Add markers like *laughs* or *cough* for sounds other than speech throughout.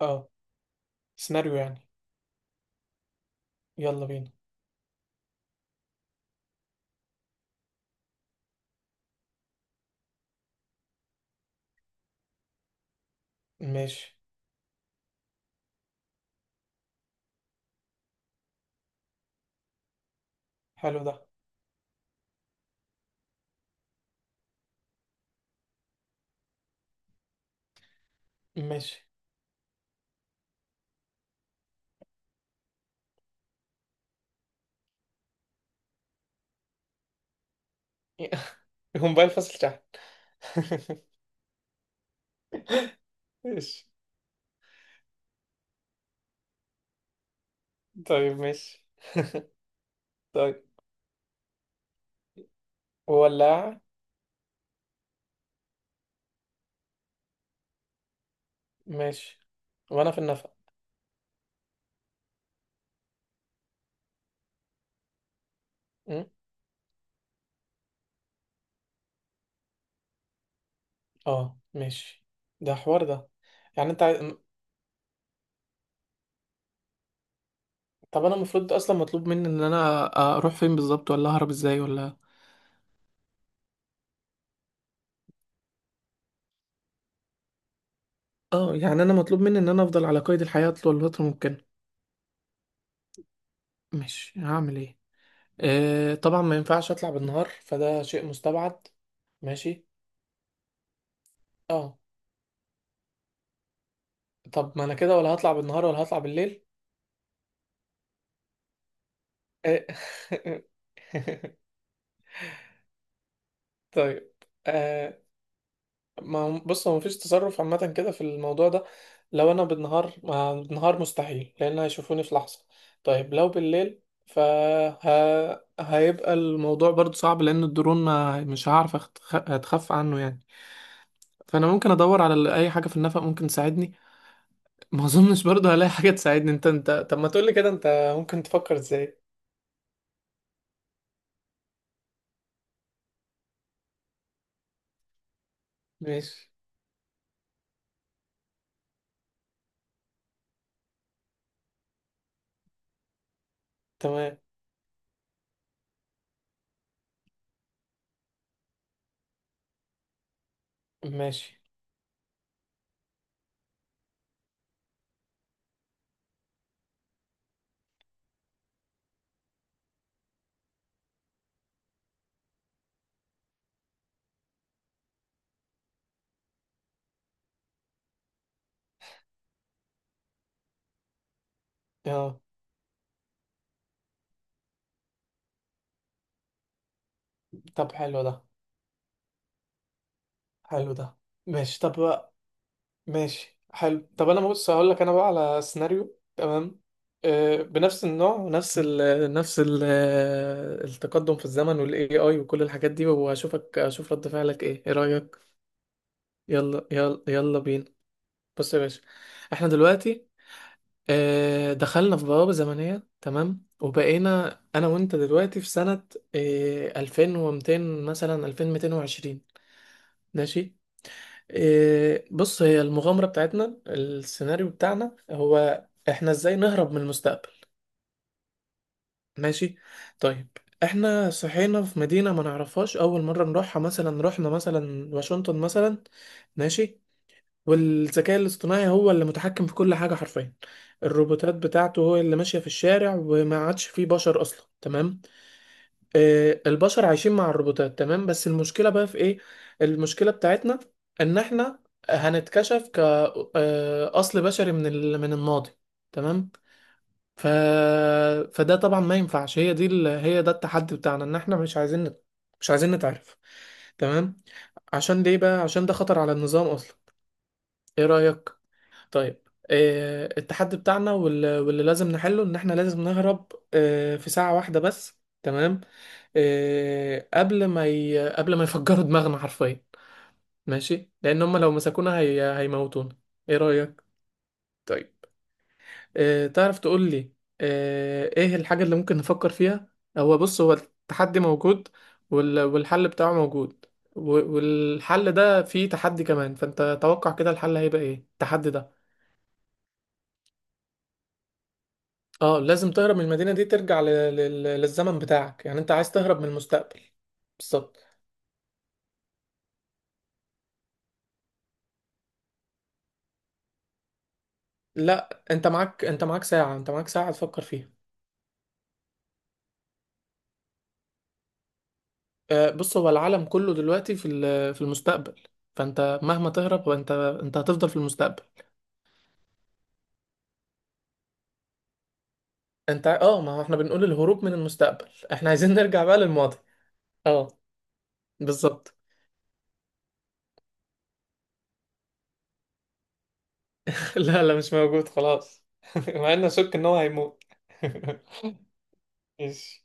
اه، سيناريو يعني. يلا بينا. ماشي. حلو ده. ماشي. *laughs* الموبايل فصل شحن. *laughs* ماشي. طيب، ماشي. طيب. ولاعة. ماشي. وانا في النفق. م؟ اه، ماشي. ده حوار ده. يعني انت عايز. طب انا المفروض اصلا مطلوب مني ان انا اروح فين بالظبط، ولا اهرب ازاي ولا. اه، يعني انا مطلوب مني ان انا افضل على قيد الحياة طول الفترة ممكن. ماشي، هعمل ايه؟ طبعا ما ينفعش اطلع بالنهار، فده شيء مستبعد. ماشي. اه. طب ما انا كده ولا هطلع بالنهار ولا هطلع بالليل؟ آه، *laughs* طيب. آه، ما هو- بص، هو مفيش تصرف عامة كده في الموضوع ده. لو انا بالنهار، ما بالنهار مستحيل، لان هيشوفوني في لحظة. طيب لو بالليل، هيبقى الموضوع برضو صعب، لان الدرون ما مش هعرف أتخفى عنه يعني. فانا ممكن ادور على اي حاجة في النفق ممكن تساعدني. ما اظنش برضه هلاقي حاجة تساعدني. انت طب ما تقولي كده، انت ممكن تفكر ازاي؟ ماشي. تمام. ماشي، اه. طب حلو ده. حلو ده. ماشي، طب بقى. ماشي، حلو. طب انا بص هقول لك انا بقى على سيناريو، تمام. بنفس النوع ونفس ال نفس ال التقدم في الزمن، والاي اي وكل الحاجات دي، اشوف رد فعلك ايه رأيك؟ يلا، يلا، يلا بينا. بص يا باشا، احنا دلوقتي، دخلنا في بوابة زمنية، تمام، وبقينا أنا وأنت دلوقتي في سنة 2200، مثلا 2220. ماشي. بص، هي المغامرة بتاعتنا، السيناريو بتاعنا هو إحنا إزاي نهرب من المستقبل. ماشي. طيب، إحنا صحينا في مدينة ما نعرفهاش، أول مرة نروحها، مثلا رحنا مثلا واشنطن مثلا. ماشي. والذكاء الاصطناعي هو اللي متحكم في كل حاجة حرفيا. الروبوتات بتاعته هو اللي ماشية في الشارع، وما عادش فيه بشر أصلا، تمام. البشر عايشين مع الروبوتات، تمام، بس المشكلة بقى في إيه؟ المشكلة بتاعتنا، إن إحنا هنتكشف كأصل بشري من الماضي، تمام. ف... فده طبعا ما ينفعش. هي هي ده التحدي بتاعنا، إن إحنا مش عايزين نتعرف. تمام. عشان ليه بقى؟ عشان ده خطر على النظام أصلا. إيه رأيك؟ طيب. التحدي بتاعنا واللي لازم نحله، ان احنا لازم نهرب في 1 ساعة بس. تمام. قبل ما يفجروا دماغنا حرفيا. ماشي، لان هم لو مسكونا هيموتونا. ايه رأيك؟ طيب. تعرف تقول لي ايه الحاجة اللي ممكن نفكر فيها؟ بص، هو التحدي موجود والحل بتاعه موجود، والحل ده فيه تحدي كمان، فانت توقع كده الحل هيبقى ايه، التحدي ده. اه، لازم تهرب من المدينة دي، ترجع للزمن بتاعك، يعني انت عايز تهرب من المستقبل. بالظبط. لا، انت معاك ساعة تفكر فيها. بص، هو العالم كله دلوقتي في المستقبل. فانت مهما تهرب، انت هتفضل في المستقبل. انت اه، ما هو احنا بنقول الهروب من المستقبل، احنا عايزين *laughs* نرجع بقى للماضي. اه، بالظبط. *laughs* لا، لا، مش موجود خلاص. *laughs* مع اني اشك ان هو هيموت. *laughs* ماشي.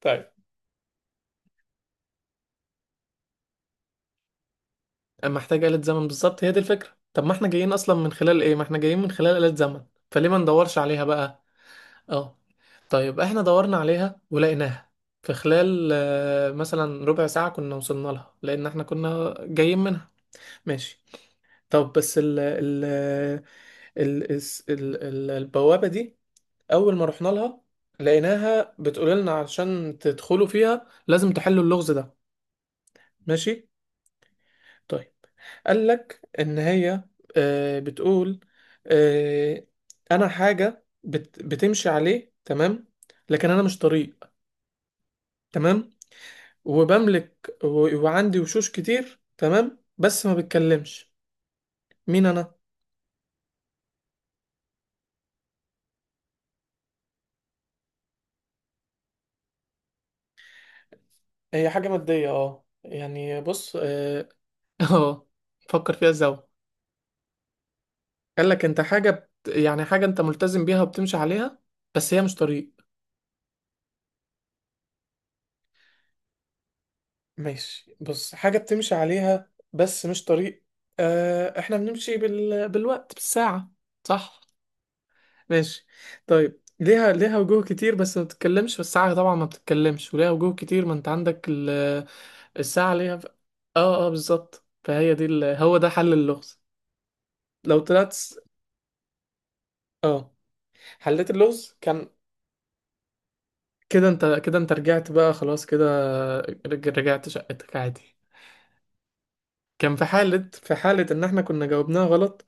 طيب. أما محتاج آلة زمن، بالظبط، هي دي الفكرة. طب ما احنا جايين اصلا من خلال ايه؟ ما احنا جايين من خلال آلة زمن. فليه ما ندورش عليها بقى؟ اه. طيب، احنا دورنا عليها ولقيناها في خلال مثلا ربع ساعة، كنا وصلنا لها لان احنا كنا جايين منها. ماشي. طب بس، ال ال ال الس- ال ال البوابة دي، اول ما رحنا لها، لقيناها بتقول لنا: عشان تدخلوا فيها، لازم تحلوا اللغز ده. ماشي. طيب. قال لك ان هي بتقول، آه، انا حاجه بتمشي عليه، تمام، لكن انا مش طريق، تمام، وبملك، وعندي وشوش كتير، تمام، بس ما بتكلمش. مين انا؟ هي حاجه ماديه، اه يعني، بص، اه. *laughs* آه، فكر فيها زاوية. قال لك انت حاجه يعني حاجه انت ملتزم بيها وبتمشي عليها، بس هي مش طريق. ماشي. بص، حاجة بتمشي عليها بس مش طريق. احنا بنمشي بالوقت، بالساعة، صح؟ ماشي. طيب، ليها وجوه كتير بس ما بتتكلمش، والساعة طبعا ما بتتكلمش وليها وجوه كتير. ما انت عندك الساعة ليها، اه، اه، بالظبط. فهي هو ده حل اللغز. لو طلعت س- اه، حليت اللغز كان، كده انت رجعت بقى خلاص كده، رجعت شقتك عادي. كان في حالة، في حالة إن إحنا كنا جاوبناها غلط،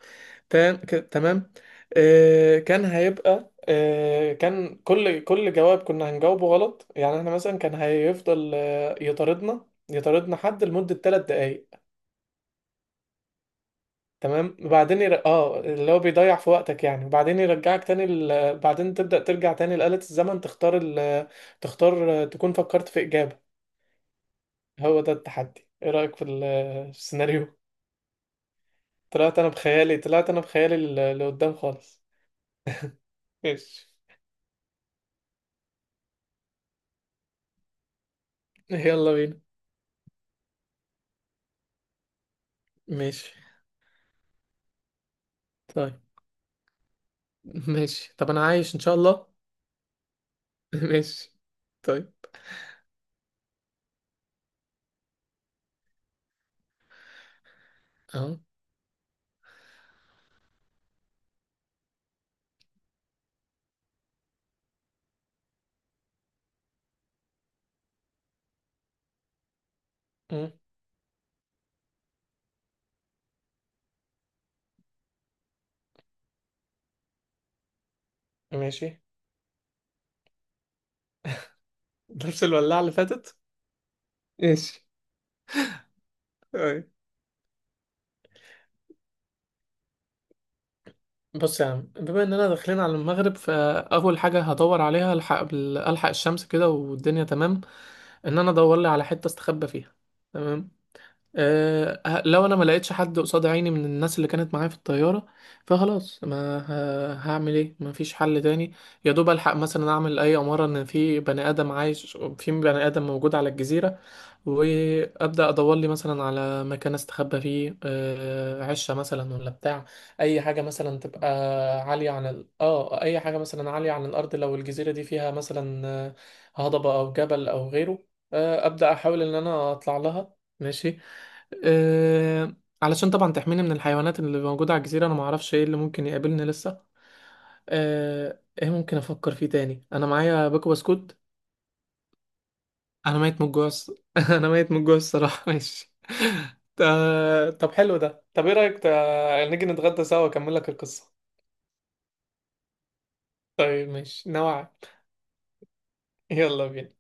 تمام. آه كان هيبقى آه كان كل جواب كنا هنجاوبه غلط، يعني إحنا مثلا كان هيفضل يطاردنا يطاردنا حد لمدة 3 دقايق، تمام. وبعدين ير... اه اللي هو بيضيع في وقتك يعني، وبعدين يرجعك تاني بعدين تبدأ ترجع تاني لآلة الزمن، تختار تختار تكون فكرت في إجابة. هو ده التحدي. إيه رأيك في السيناريو؟ طلعت انا بخيالي لقدام خالص. ماشي. يلا بينا. ماشي. طيب. *laughs* ماشي. طب انا عايش ان شاء الله. *laughs* ماشي. طيب. اهو. مم. ماشي. *laughs* نفس الولاعة اللي فاتت. ماشي. طيب. بص يا عم، بما اننا داخلين على المغرب، فاول حاجة هدور عليها، الحق الشمس كده والدنيا تمام، ان انا ادور لي على حتة استخبى فيها. تمام. لو انا ما لقيتش حد قصاد عيني من الناس اللي كانت معايا في الطياره، فخلاص، ما هعمل ايه؟ ما فيش حل تاني. يا دوب الحق مثلا اعمل اي اماره ان في بني ادم عايش، في بني ادم موجود على الجزيره، وابدا ادور لي مثلا على مكان استخبى فيه، عشه مثلا ولا بتاع، اي حاجه مثلا تبقى، عاليه عن ال... اه اي حاجه مثلا عاليه عن الارض. لو الجزيره دي فيها مثلا هضبه او جبل او غيره، ابدا احاول ان انا اطلع لها. ماشي. آه، علشان طبعا تحميني من الحيوانات اللي موجوده على الجزيره. انا ما اعرفش ايه اللي ممكن يقابلني لسه. ايه ممكن افكر فيه تاني؟ انا معايا باكو بسكوت. انا ميت من الجوع الص- *laughs* انا ميت من الجوع الصراحه. *laughs* ماشي. طب حلو ده. طب ايه رايك نيجي نتغدى سوا، اكمل لك القصه؟ طيب، ماشي، نوعا. يلا بينا.